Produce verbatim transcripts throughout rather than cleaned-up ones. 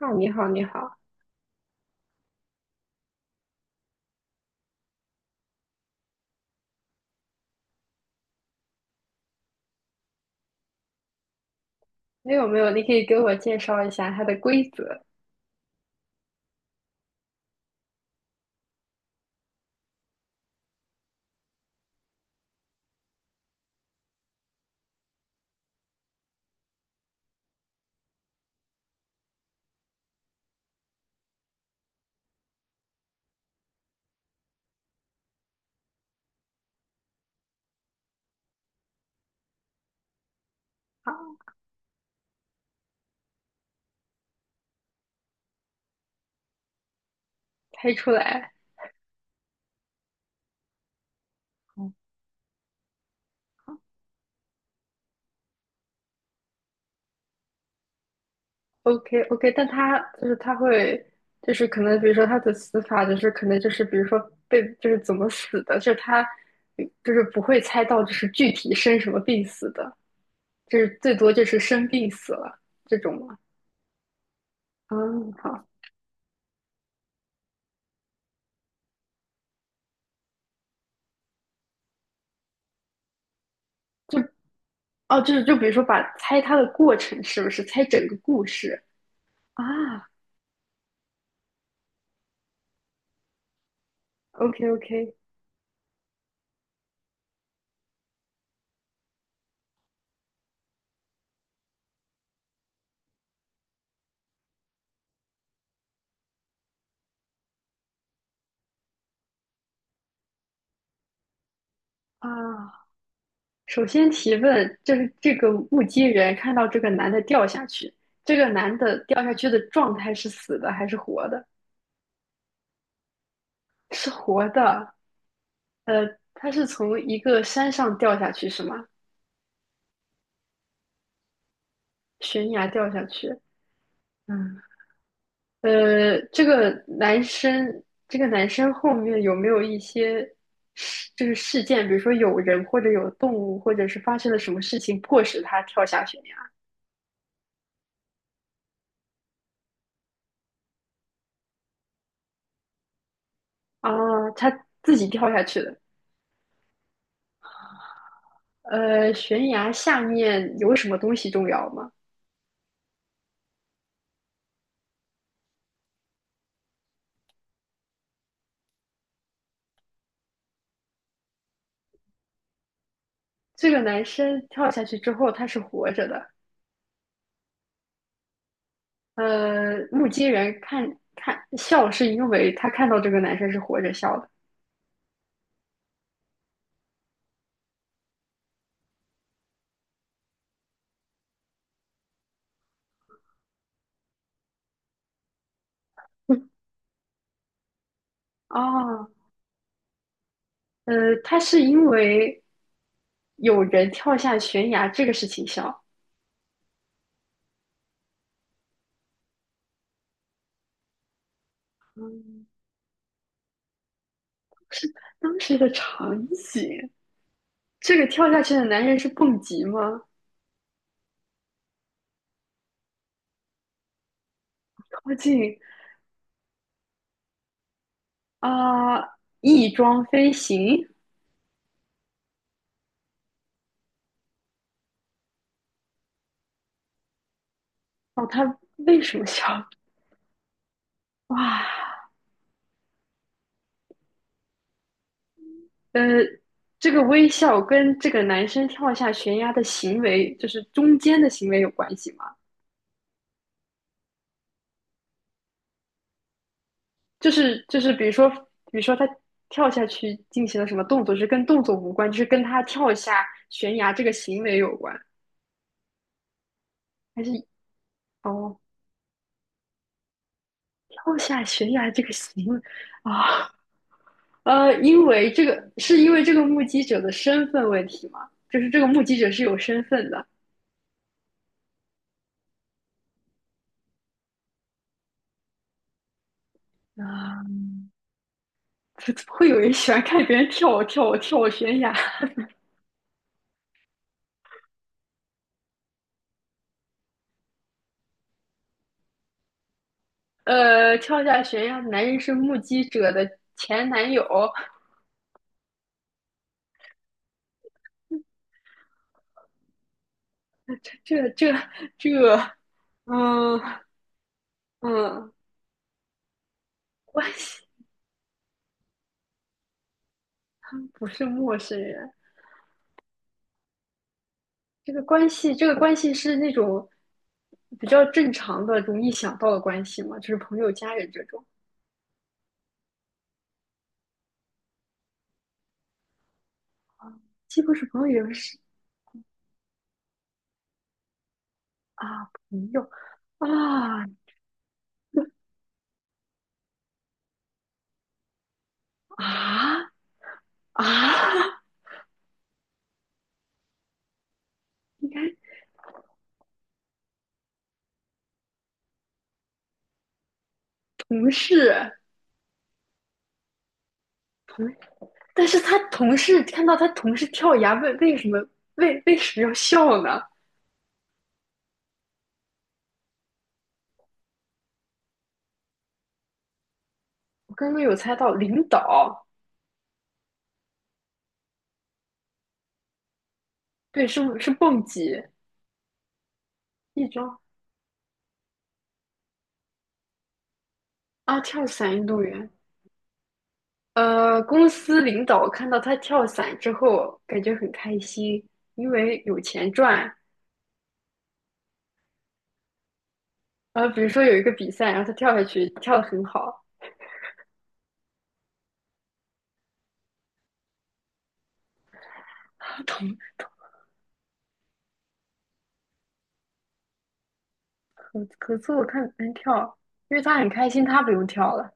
哦，你好，你好，没有没有你可以给我介绍一下它的规则？好，猜出来。嗯，OK OK，但它就是它会，就是可能比如说它的死法就是可能就是比如说被就是怎么死的，就是它就是不会猜到就是具体生什么病死的，就是最多就是生病死了这种吗？嗯，好，就哦，就是就比如说把猜它的过程是不是猜整个故事啊？OK OK 啊，首先提问就是这个目击人看到这个男的掉下去，这个男的掉下去的状态是死的还是活的？是活的。呃，他是从一个山上掉下去是吗？悬崖掉下去。嗯，呃，这个男生，这个男生后面有没有一些事，就是事件，比如说有人或者有动物，或者是发生了什么事情迫使他跳下悬崖？啊，他自己跳下去的。呃，悬崖下面有什么东西重要吗？这个男生跳下去之后，他是活着的。呃，目击人看看笑，是因为他看到这个男生是活着笑的。哦，呃，他是因为有人跳下悬崖这个事情笑。嗯，当时的场景，这个跳下去的男人是蹦极吗？靠近啊，翼装飞行。哦，他为什么笑？哇！呃，这个微笑跟这个男生跳下悬崖的行为，就是中间的行为有关系吗？就是就是，比如说，比如说他跳下去进行了什么动作，是跟动作无关，就是跟他跳下悬崖这个行为有关，还是哦，跳下悬崖这个行为啊？呃，因为这个是因为这个目击者的身份问题吗？就是这个目击者是有身份的啊，会会有人喜欢看别人跳跳跳悬崖呃，跳下悬崖的男人是目击者的前男友，这这这，嗯嗯，关系不是陌生人，这个关系，这个关系是那种比较正常的、容易想到的关系嘛，就是朋友、家人这种，既不是朋友，也不是啊，朋友啊啊啊，应该同事同，但是他同事看到他同事跳崖，为为什么为为什么要笑呢？我刚刚有猜到领导，对，是是蹦极一招啊，跳伞运动员。呃，公司领导看到他跳伞之后，感觉很开心，因为有钱赚。呃，比如说有一个比赛，然后他跳下去，跳得很好。他同可可是我看别人跳，因为他很开心，他不用跳了，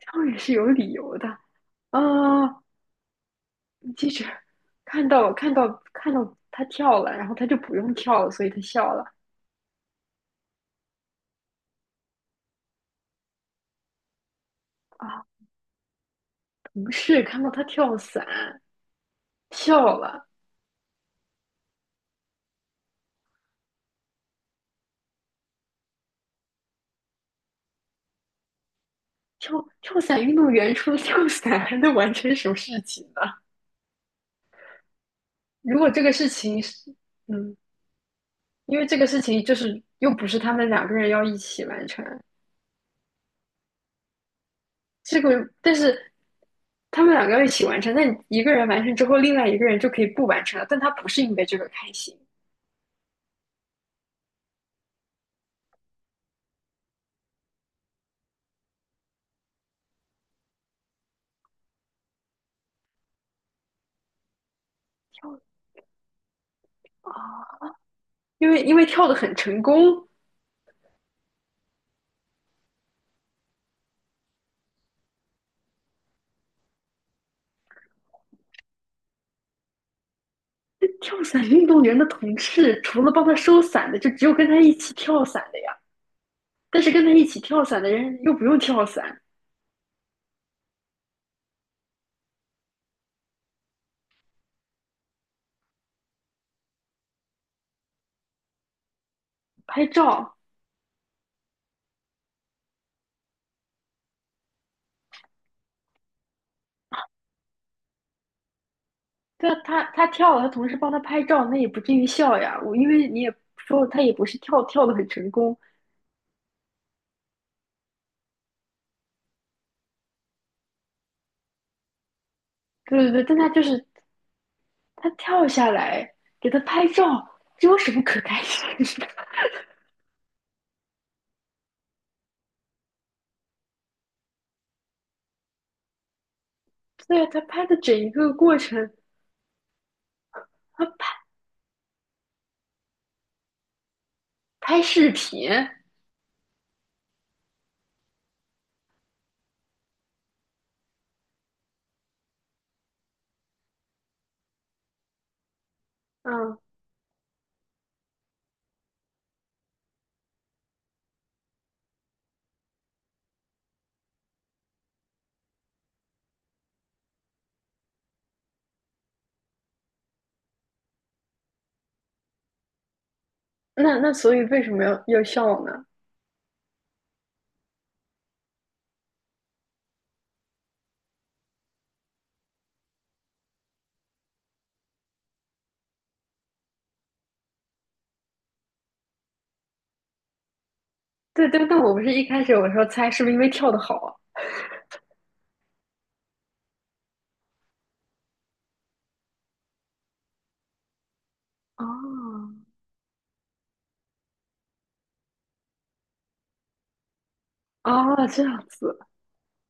跳也是有理由的。啊、记者看到看到看到他跳了，然后他就不用跳了，所以他笑了。啊，同事看到他跳伞，跳了，跳跳伞运动员除了跳伞还能完成什么事情呢？如果这个事情是，嗯，因为这个事情就是又不是他们两个人要一起完成，这个但是他们两个要一起完成，那你一个人完成之后，另外一个人就可以不完成了，但他不是因为这个开心跳的啊，因为因为跳的很成功。那跳伞运动员的同事，除了帮他收伞的，就只有跟他一起跳伞的呀。但是跟他一起跳伞的人又不用跳伞，拍照对啊，他他跳了，他同事帮他拍照，那也不至于笑呀。我因为你也说了他也不是跳跳的很成功，对对对，但他就是他跳下来给他拍照，这有什么可开心的？对啊，他拍的整一个过程，他拍拍视频，嗯，那那所以为什么要要笑呢？对对，但我不是一开始我说猜是不是因为跳的好啊？哦哦，这样子，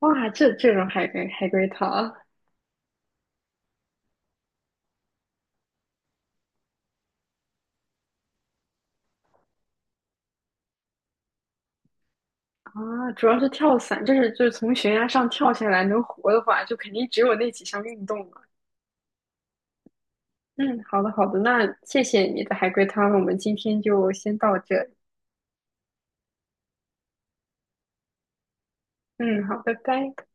哇，这这种海龟海龟汤，啊，主要是跳伞，这是就是从悬崖上跳下来能活的话，就肯定只有那几项运动了。嗯，好的好的，那谢谢你的海龟汤，我们今天就先到这里。嗯，好，拜拜。